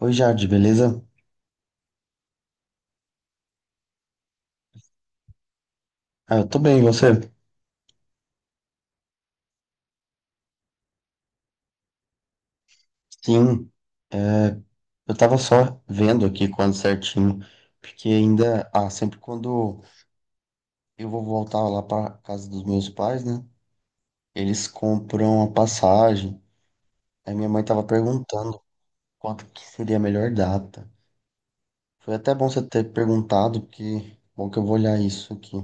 Oi, Jade, beleza? Ah, eu tô bem, e você? Sim, é, eu tava só vendo aqui quando certinho, porque ainda, sempre quando eu vou voltar lá pra casa dos meus pais, né? Eles compram a passagem. Aí minha mãe tava perguntando quanto que seria a melhor data. Foi até bom você ter perguntado, porque bom que eu vou olhar isso aqui.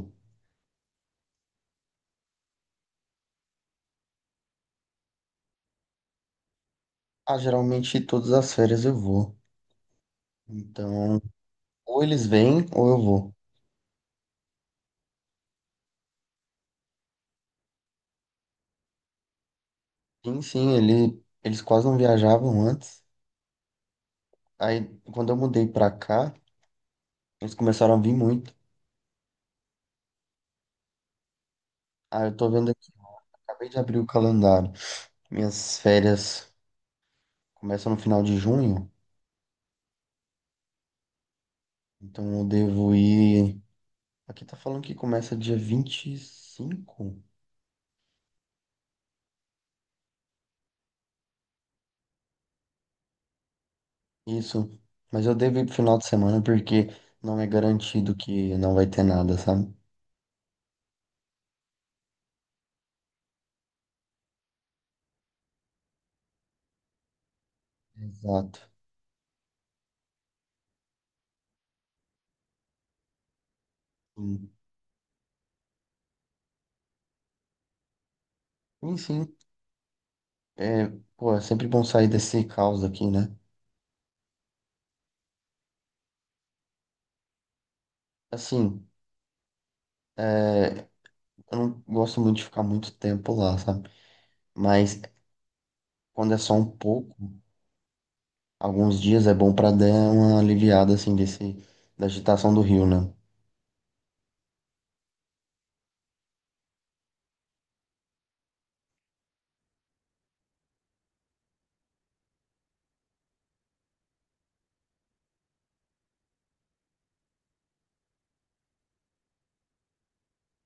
Ah, geralmente todas as férias eu vou. Então, ou eles vêm ou eu vou. Sim, sim, eles quase não viajavam antes. Aí, quando eu mudei pra cá, eles começaram a vir muito. Aí eu tô vendo aqui, acabei de abrir o calendário. Minhas férias começam no final de junho, então eu devo ir. Aqui tá falando que começa dia 25. Isso. Mas eu devo ir pro final de semana porque não é garantido que não vai ter nada, sabe? Exato. Sim, sim, sim. É, pô, é sempre bom sair desse caos aqui, né? Assim, é, eu não gosto muito de ficar muito tempo lá, sabe? Mas quando é só um pouco, alguns dias é bom pra dar uma aliviada assim desse da agitação do Rio, né?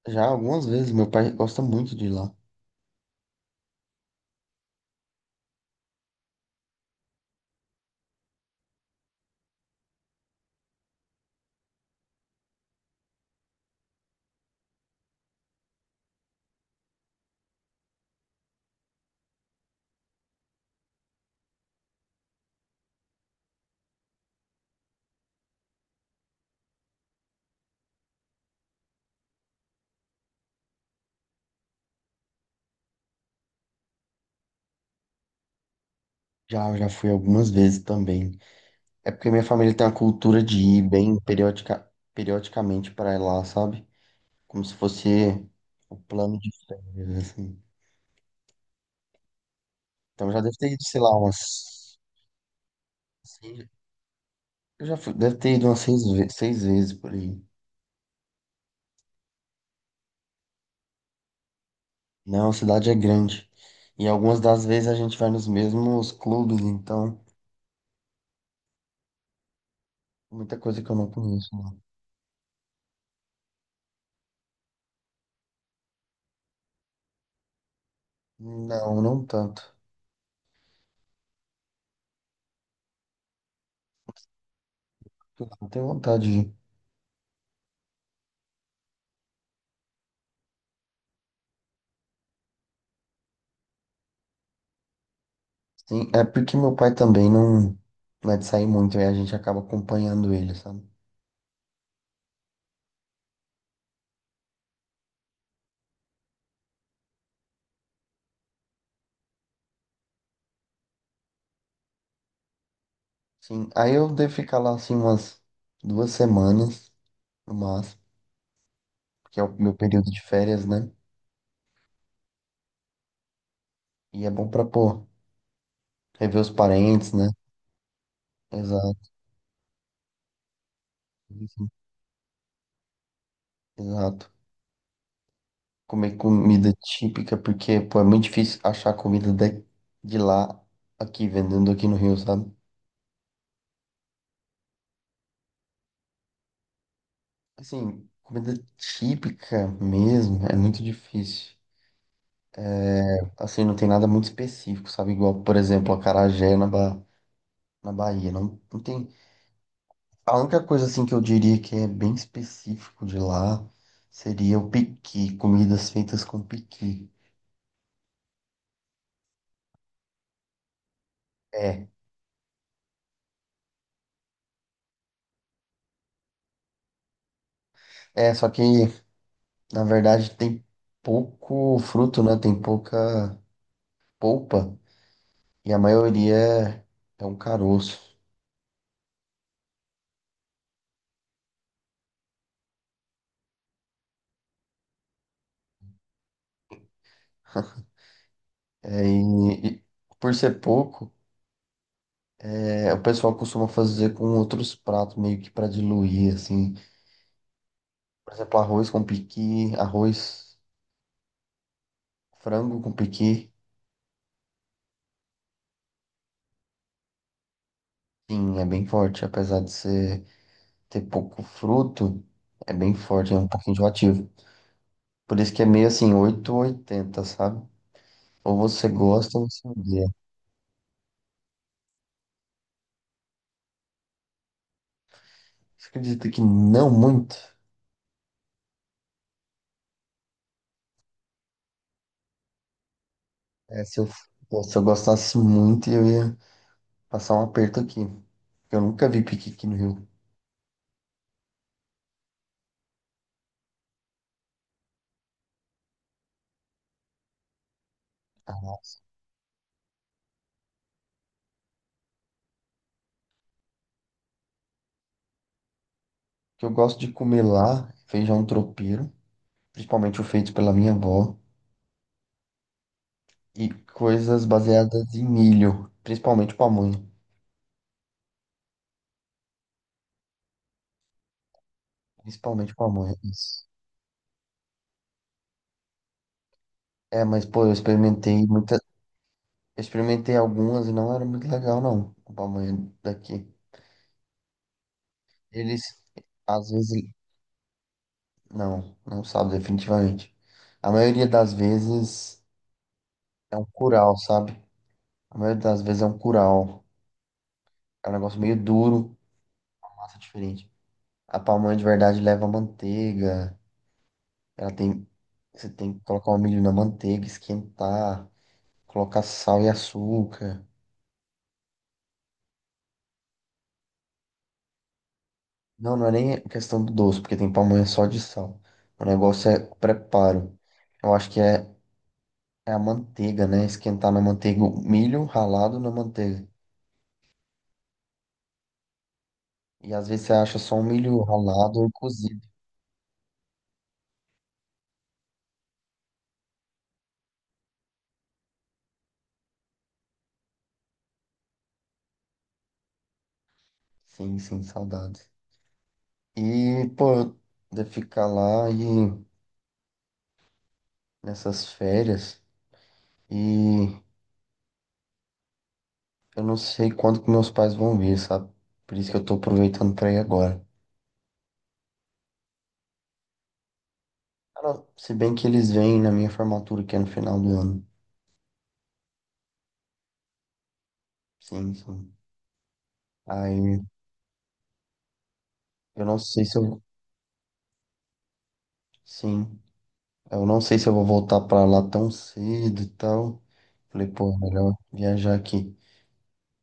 Já algumas vezes, meu pai gosta muito de ir lá. Já, já fui algumas vezes também. É porque minha família tem a cultura de ir bem periodicamente pra lá, sabe? Como se fosse o plano de férias, assim. Então já deve ter ido, sei lá, umas. Assim, eu já fui, deve ter ido umas seis, 6 vezes por aí. Não, a cidade é grande. E algumas das vezes a gente vai nos mesmos clubes, então. Muita coisa que eu não conheço, não. Não, não tanto. Eu não tenho vontade de ir. Sim, é porque meu pai também não é de sair muito, aí a gente acaba acompanhando ele, sabe? Sim, aí eu devo ficar lá assim umas 2 semanas, no máximo, que é o meu período de férias, né? E é bom pra, pô, rever os parentes, né? Exato, isso, exato. Comer comida típica, porque, pô, é muito difícil achar comida de lá, aqui, vendendo aqui no Rio, sabe? Assim, comida típica mesmo é muito difícil. Assim, não tem nada muito específico, sabe? Igual, por exemplo, acarajé na Bahia. Não, não tem. A única coisa, assim, que eu diria que é bem específico de lá seria o piqui, comidas feitas com piqui. É, é, só que, na verdade, tem pouco fruto, né? Tem pouca polpa e a maioria é um caroço. É, e por ser pouco. É, o pessoal costuma fazer com outros pratos, meio que para diluir, assim. Por exemplo, arroz com piqui, arroz, frango com piqui. Sim, é bem forte. Apesar de ter pouco fruto, é bem forte, é um pouquinho enjoativo. Por isso que é meio assim, 8 ou 80, sabe? Ou você gosta ou você odeia. Você acredita que não muito? É, se eu, pô, se eu gostasse muito, eu ia passar um aperto aqui. Eu nunca vi piqui aqui no Rio. O que eu gosto de comer lá, é feijão tropeiro. Principalmente o feito pela minha avó, e coisas baseadas em milho, principalmente pamonha. Principalmente pamonha, isso. É, mas pô, eu experimentei algumas e não era muito legal, não, a pamonha daqui. Eles, às vezes, não sabe definitivamente. A maioria das vezes é um curau, sabe? A maioria das vezes é um curau. É um negócio meio duro, massa diferente. A pamonha de verdade leva manteiga, Ela tem, você tem que colocar o milho na manteiga, esquentar, colocar sal e açúcar. Não, não é nem questão do doce, porque tem pamonha só de sal. O negócio é o preparo. Eu acho que é a manteiga, né? Esquentar na manteiga, o milho ralado na manteiga. E às vezes você acha só um milho ralado ou cozido. Sim, sim, saudade. E, pô, de ficar lá e nessas férias e eu não sei quando que meus pais vão vir, sabe? Por isso que eu tô aproveitando pra ir agora. Cara, se bem que eles vêm na minha formatura, que é no final do ano. Sim, sim. Aí eu não sei se eu. Sim. Eu não sei se eu vou voltar pra lá tão cedo e tal. Falei, pô, é melhor viajar aqui.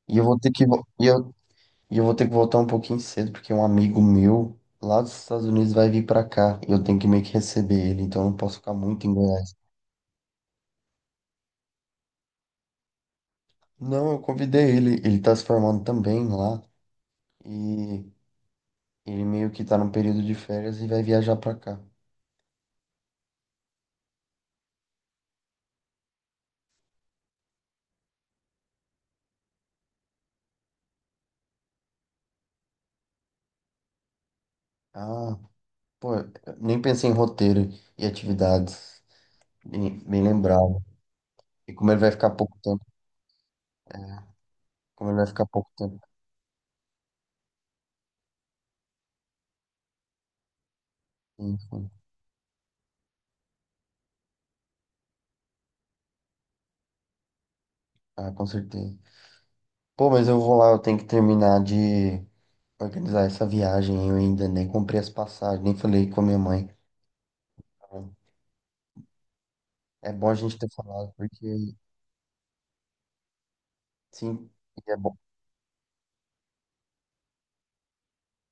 E eu vou ter que. vo- E eu, e eu vou ter que voltar um pouquinho cedo, porque um amigo meu lá dos Estados Unidos vai vir pra cá. E eu tenho que meio que receber ele, então eu não posso ficar muito em Goiás. Não, eu convidei ele. Ele tá se formando também lá. E ele meio que tá num período de férias e vai viajar pra cá. Ah, pô, eu nem pensei em roteiro e atividades. Bem, bem lembrado. E como ele vai ficar pouco tempo. Como ele vai ficar pouco tempo. Enfim. Ah, com certeza. Pô, mas eu vou lá, eu tenho que terminar de organizar essa viagem. Eu ainda nem comprei as passagens, nem falei com a minha mãe. É bom a gente ter falado, porque sim, é bom.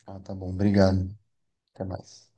Ah, tá bom. Obrigado. Até mais.